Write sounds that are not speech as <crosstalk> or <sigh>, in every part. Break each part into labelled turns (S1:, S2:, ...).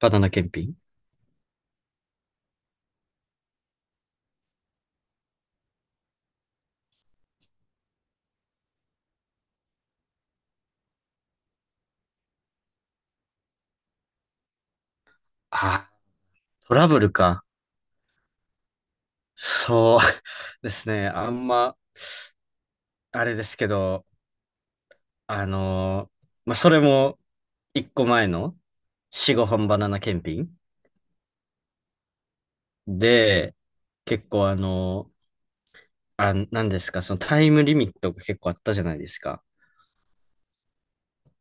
S1: バナナ検品。ああ、トラブルか。そう <laughs> ですね。あんま、あれですけど、あのーまあ、それも、一個前の、四五本バナナ検品で、結構なんですか、そのタイムリミットが結構あったじゃないですか。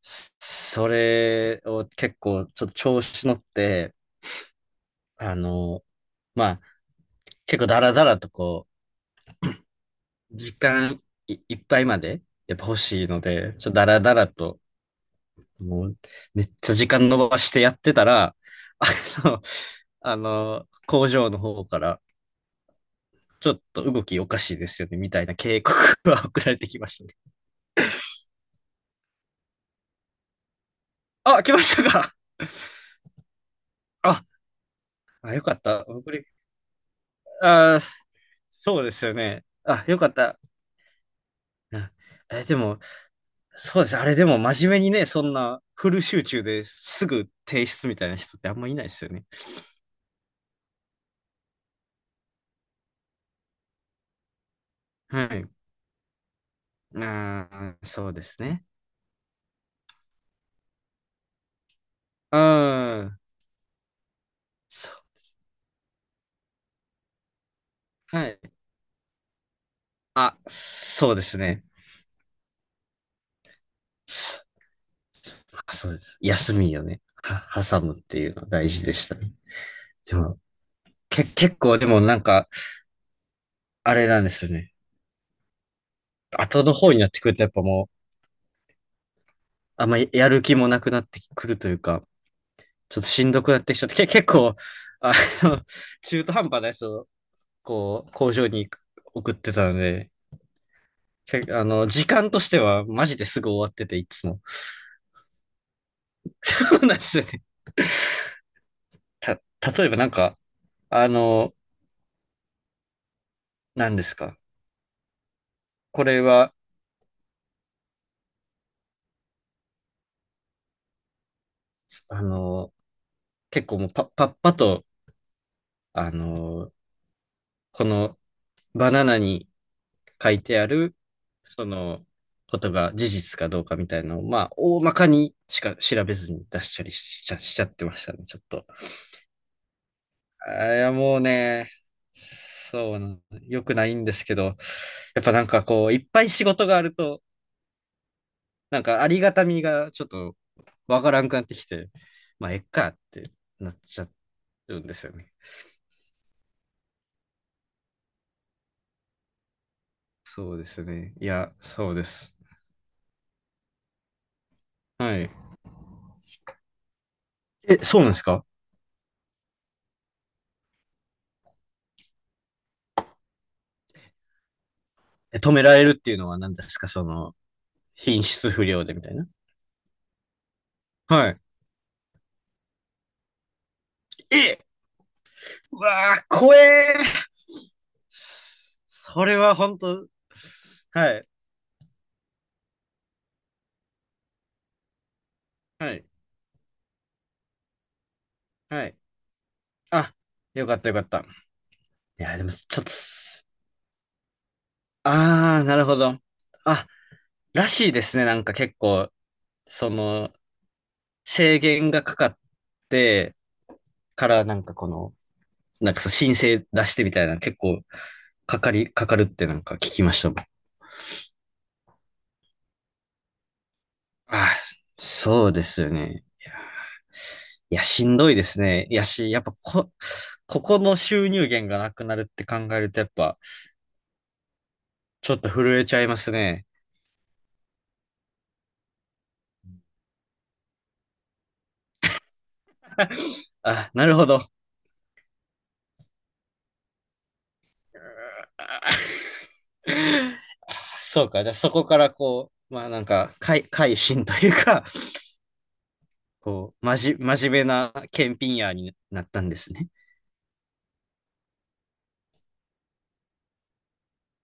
S1: それを結構、ちょっと調子乗って、あのーまあ、結構ダラダラとこう、時間いっぱいまで、やっぱ欲しいので、ちょっとダラダラと、もう、めっちゃ時間伸ばしてやってたら、あの、工場の方から、ちょっと動きおかしいですよね、みたいな警告が送られてきましたね。あ、来ましたか？あ、あ、よかった。遅れ、あー、そうですよね。あ、よかった。あでも、そうです。あれでも真面目にね、そんなフル集中ですぐ提出みたいな人ってあんまいないですよね。はい。あー、そうですね。うん。そう。はい。あ、そうですね。あ、そうです。休みよね。挟むっていうのは大事でしたね。でも、結構でもなんか、あれなんですよね。後の方になってくるとやっぱもう、あんまりやる気もなくなってくるというか、ちょっとしんどくなってきちゃって、結構、あの、<laughs> 中途半端なやつを、こう、工場に送ってたので、け、あの、時間としてはマジですぐ終わってて、いつも。<laughs> そうなんですよね。た、例えばなんか、あの、何ですか。これは、あの、結構もうパッパッパと、あのーこのバナナに書いてある、そのことが事実かどうかみたいなのを、まあ、大まかにしか調べずに出したりしちゃってましたね、ちょっと。いや、もうね、そうな、良くないんですけど、やっぱなんかこう、いっぱい仕事があると、なんかありがたみがちょっとわからんくなってきて、まあ、えっかってなっちゃうんですよね。そうですよね。いや、そうです。はい。え、そうなんですか？え、止められるっていうのは何ですか？その、品質不良でみたいな。はい。え、うわー、怖えー。それは本当、はい、はい、はい。あ、よかったよかった。いや、でもちょっと、あー、なるほど。あ、らしいですね。なんか結構、その、制限がかかってからなんかこの、なんかそう申請出してみたいな結構かかるってなんか聞きましたもん。あ、そうですよね。いや、いやしんどいですね。いやし、やっぱこ、ここの収入源がなくなるって考えると、やっぱ、ちょっと震えちゃいますね。あ、なるほど。あ、 <laughs> そうか。じゃあそこからこう、まあなんか、改心というか、こう、真面目な検品屋になったんですね。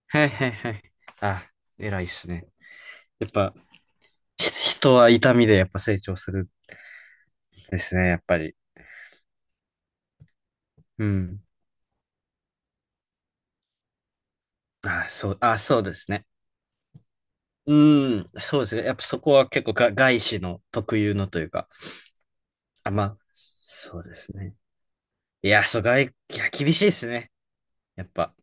S1: はいはいはい。あ、偉いっすね。やっぱ、人は痛みでやっぱ成長するんですね、やっぱり。うん。あ、そう、あ、そうですね。うーん、そうですね。やっぱそこは結構が外資の特有のというか。あ、まあ、そうですね。いや、そう、いや、厳しいですね。やっぱ。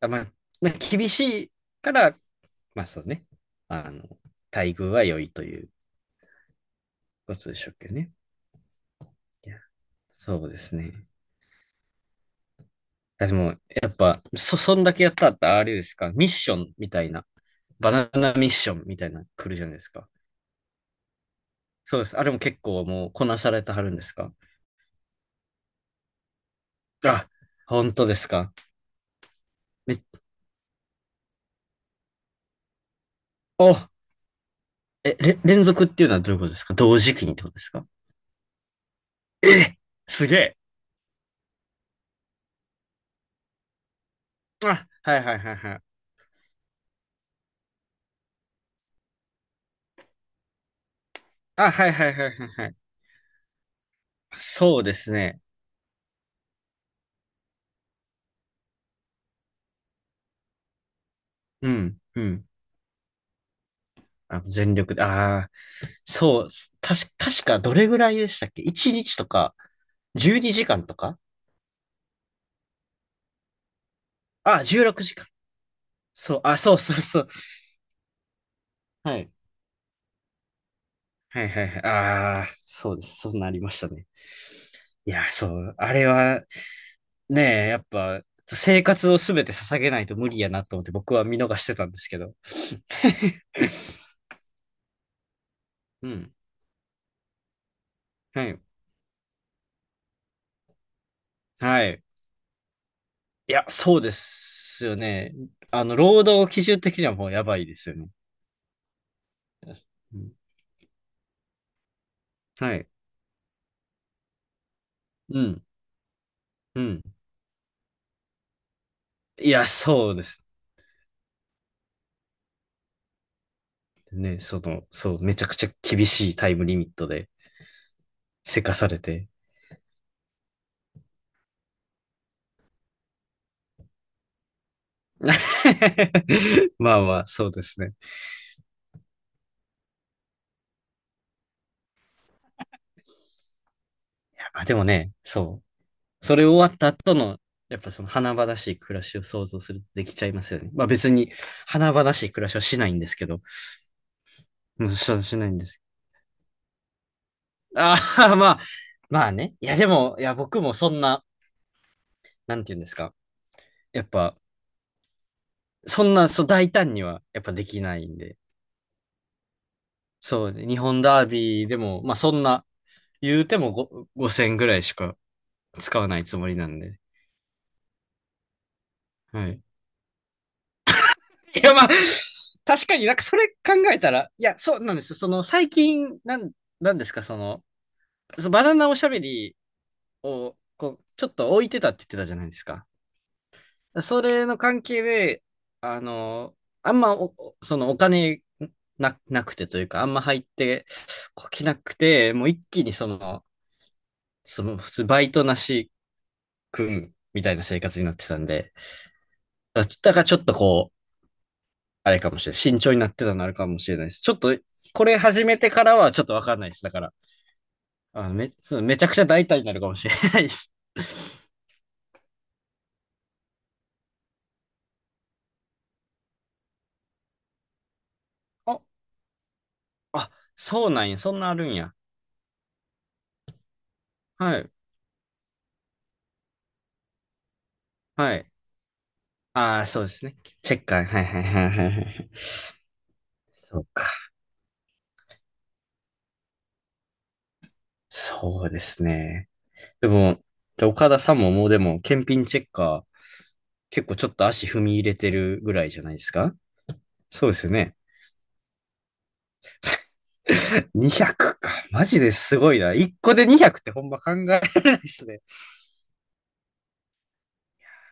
S1: あ、まあ、厳しいから、まあそうね。あの、待遇は良いということでしょうけどね。いや、そうですね。でも、やっぱ、そんだけやったら、あれですか？ミッションみたいな、バナナミッションみたいなの来るじゃないですか。そうです。あれも結構もうこなされてはるんですか？あ、本当ですか？め、お、え、れ、連続っていうのはどういうことですか？同時期にってことですか？すげえ。あ、はいはいはいはい。あ、はいはいはいはいはい。そうですね。うん、うん。あ、全力で、ああ、そう、確かどれぐらいでしたっけ？ 1 日とか、12時間とか16時間。そう、あ、そうそうそう。はい。はいはいはい。ああ、そうです。そうなりましたね。いや、そう、あれは、ねえ、やっぱ、生活をすべて捧げないと無理やなと思って僕は見逃してたんですけど。<laughs> うん。はい。はい。いや、そうですよね。労働基準的にはもうやばいですよね。うん、はい。うん。うん。いや、そうですね。その、そう、めちゃくちゃ厳しいタイムリミットで、せかされて。<laughs> まあまあ、そうですね。まあでもね、そう。それ終わった後の、やっぱその華々しい暮らしを想像するとできちゃいますよね。まあ別に華々しい暮らしはしないんですけど、うん、そうしないんです。ああ、まあ、まあね。いや、でも、いや、僕もそんな、なんて言うんですか。やっぱ、そんな、そう、大胆には、やっぱできないんで。そうね、日本ダービーでも、まあ、そんな、言うても5000ぐらいしか使わないつもりなんで。はい。いや、まあ、確かになんかそれ考えたら、いや、そうなんですよ。その、最近、なんですか、その、バナナおしゃべりを、こう、ちょっと置いてたって言ってたじゃないですか。それの関係で、あの、あんまお、そのお金なくてというか、あんま入ってこきなくて、もう一気にその、普通バイトなし君みたいな生活になってたんで、だからちょっとこう、あれかもしれない。慎重になってたのあるかもしれないです。ちょっと、これ始めてからはちょっとわかんないです。だから、あのめ、そうめちゃくちゃ大胆になるかもしれないです。<laughs> あ、あ、そうなんや。そんなあるんや。はい。はい。ああ、そうですね。チェッカー。はいはいはいはいはい。そうか。そうですね。でも、岡田さんももうでも、検品チェッカー、結構ちょっと足踏み入れてるぐらいじゃないですか？そうですよね。200か。マジですごいな。1個で200ってほんま考えられないですね。